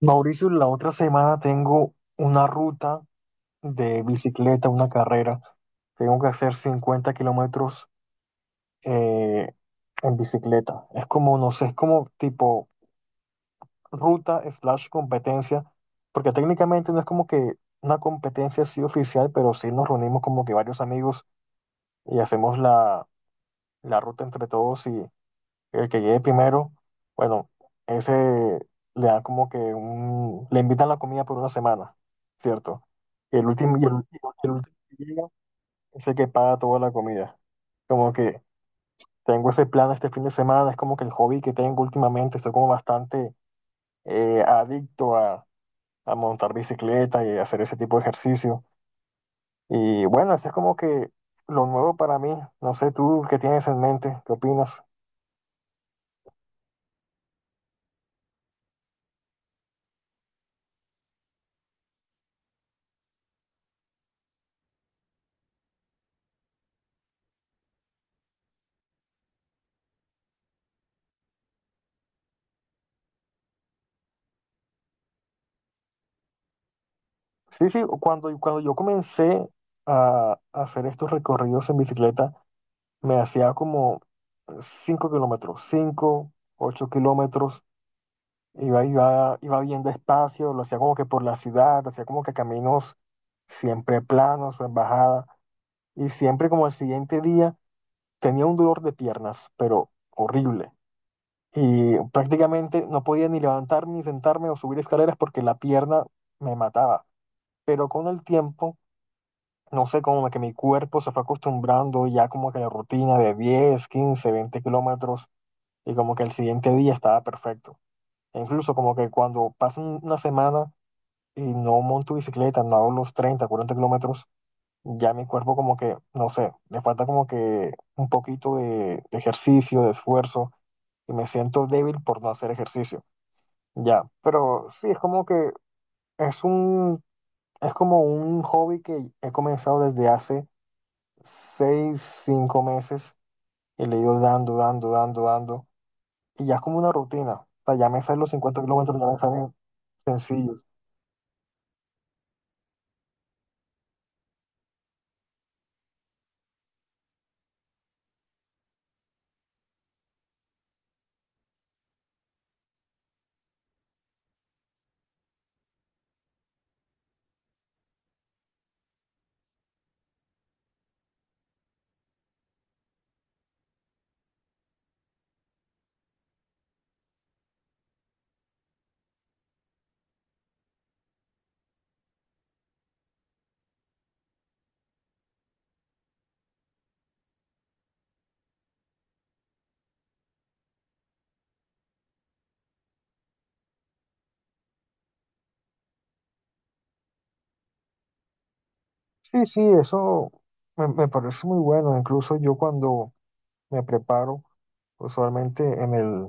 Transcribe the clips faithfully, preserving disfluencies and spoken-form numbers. Mauricio, la otra semana tengo una ruta de bicicleta, una carrera. Tengo que hacer cincuenta kilómetros eh, en bicicleta. Es como, no sé, es como tipo ruta slash competencia, porque técnicamente no es como que una competencia así oficial, pero sí nos reunimos como que varios amigos y hacemos la, la ruta entre todos el que llegue primero, bueno, ese le da como que un, le invitan la comida por una semana, ¿cierto? Y el último, y el, y el último que llega es el que paga toda la comida. Como que tengo ese plan este fin de semana, es como que el hobby que tengo últimamente, soy como bastante eh, adicto a, a montar bicicleta y hacer ese tipo de ejercicio. Y bueno, eso es como que lo nuevo para mí. No sé tú qué tienes en mente, qué opinas. Sí, sí, cuando, cuando yo comencé a hacer estos recorridos en bicicleta, me hacía como cinco kilómetros, cinco ocho kilómetros, iba, iba, iba bien despacio, lo hacía como que por la ciudad, hacía como que caminos siempre planos o en bajada, y siempre como al siguiente día tenía un dolor de piernas, pero horrible. Y prácticamente no podía ni levantarme, ni sentarme o subir escaleras porque la pierna me mataba. Pero con el tiempo no sé, como que mi cuerpo se fue acostumbrando ya como que a la rutina de diez quince veinte kilómetros y como que el siguiente día estaba perfecto. E incluso como que cuando pasa un- una semana y no monto bicicleta, no hago los treinta cuarenta kilómetros, ya mi cuerpo como que, no sé, le falta como que un poquito de, de ejercicio, de esfuerzo y me siento débil por no hacer ejercicio. Ya, pero sí, es como que es un, es como un hobby que he comenzado desde hace seis, cinco meses y le he ido dando, dando, dando, dando. Y ya es como una rutina. O sea, ya me salen los cincuenta kilómetros, ya me salen sencillos. Sí, sí, eso me, me parece muy bueno. Incluso yo cuando me preparo, usualmente en el,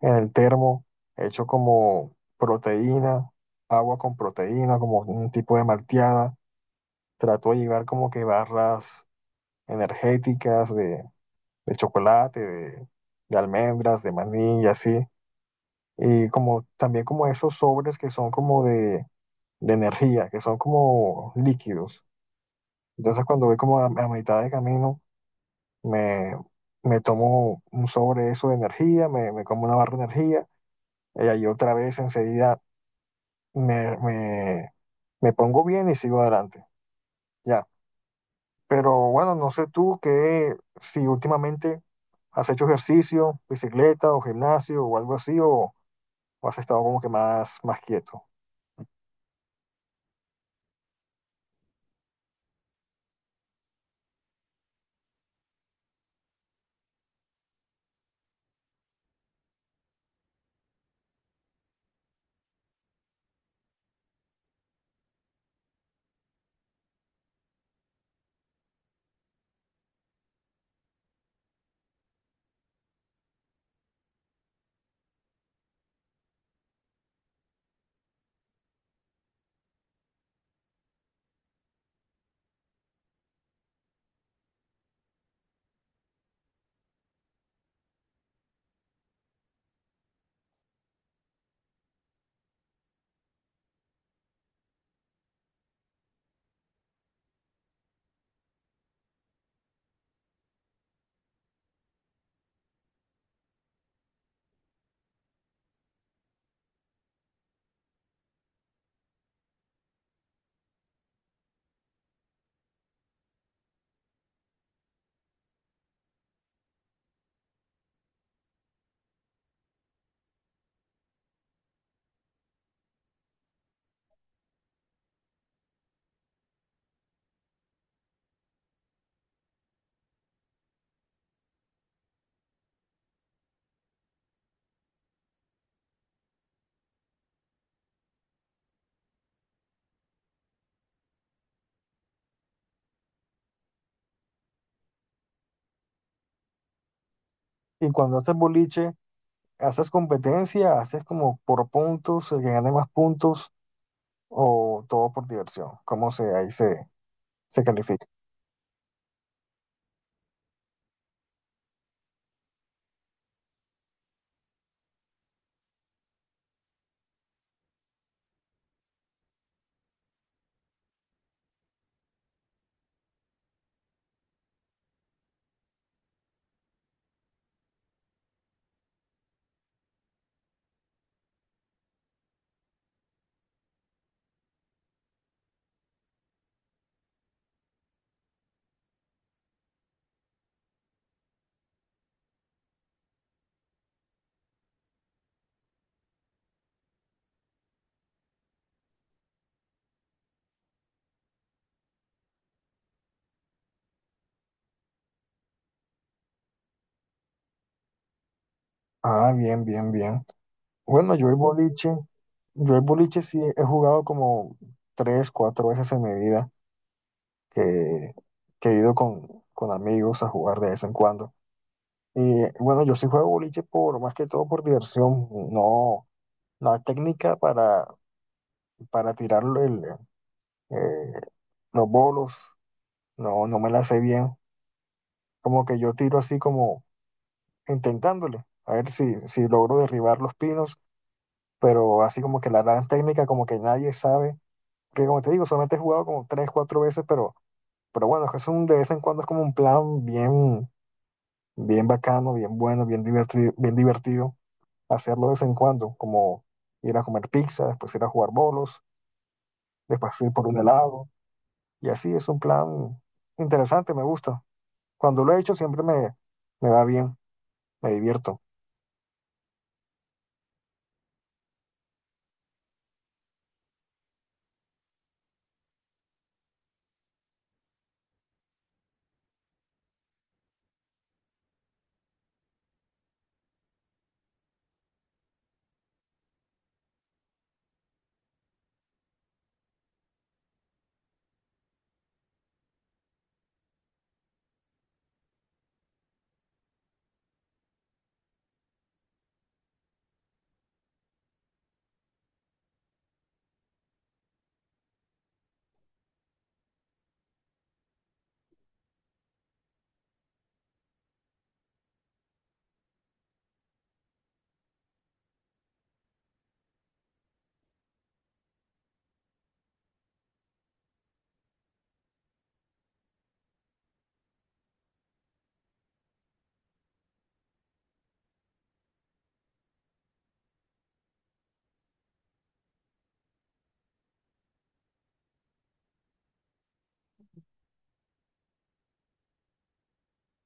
en el termo, hecho como proteína, agua con proteína, como un tipo de malteada. Trato de llevar como que barras energéticas de, de chocolate, de, de almendras, de maní y así y como también como esos sobres que son como de, de energía, que son como líquidos. Entonces cuando voy como a, a mitad de camino, me, me tomo un sobre eso de energía, me, me como una barra de energía y ahí otra vez enseguida me, me, me pongo bien y sigo adelante. Ya. Pero bueno, no sé tú qué, si últimamente has hecho ejercicio, bicicleta o gimnasio o algo así, o, o has estado como que más, más quieto. Y cuando haces boliche, ¿haces competencia? ¿Haces como por puntos, el que gane más puntos o todo por diversión? ¿Cómo se, ahí se, se califica? Ah, bien, bien, bien. Bueno, yo el boliche, yo el boliche sí he jugado como tres, cuatro veces en mi vida, que, que he ido con, con amigos a jugar de vez en cuando. Y bueno, yo sí juego boliche por, más que todo por diversión, no, la técnica para, para tirar el, eh, los bolos, no, no me la sé bien como que yo tiro así como intentándole, a ver si, si logro derribar los pinos, pero así como que la gran técnica como que nadie sabe, porque como te digo, solamente he jugado como tres, cuatro veces, pero, pero bueno, es un, de vez en cuando es como un plan bien, bien bacano, bien bueno, bien divertido, bien divertido hacerlo de vez en cuando, como ir a comer pizza, después ir a jugar bolos, después ir por un helado, y así es un plan interesante, me gusta. Cuando lo he hecho siempre me, me va bien, me divierto.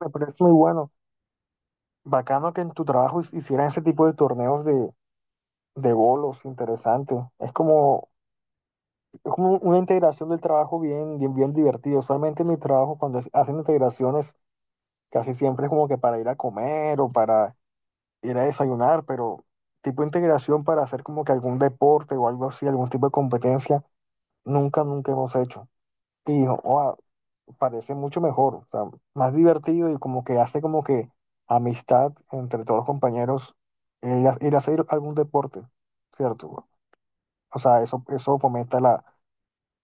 Me parece muy bueno. Bacano que en tu trabajo his- hicieran ese tipo de torneos de, de bolos, interesante. Es como, es como una integración del trabajo bien, bien, bien divertido. Usualmente en mi trabajo, cuando es- hacen integraciones, casi siempre es como que para ir a comer o para ir a desayunar, pero tipo de integración para hacer como que algún deporte o algo así, algún tipo de competencia, nunca, nunca hemos hecho. Y, oh, parece mucho mejor, o sea, más divertido y como que hace como que amistad entre todos los compañeros el, ha- el hacer algún deporte, ¿cierto? O sea, eso, eso fomenta la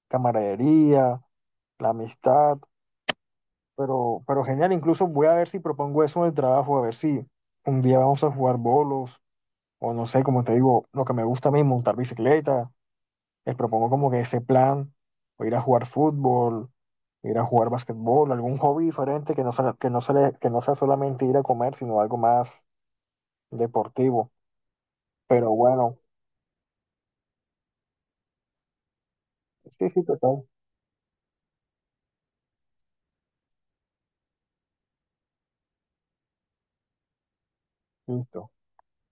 camaradería, la amistad, pero, pero genial, incluso voy a ver si propongo eso en el trabajo, a ver si un día vamos a jugar bolos o no sé, como te digo, lo que me gusta a mí, montar bicicleta les propongo como que ese plan, o ir a jugar fútbol, ir a jugar basquetbol, algún hobby diferente que no sea, que no se le- que no sea solamente ir a comer, sino algo más deportivo. Pero bueno, sí, sí, total. Listo.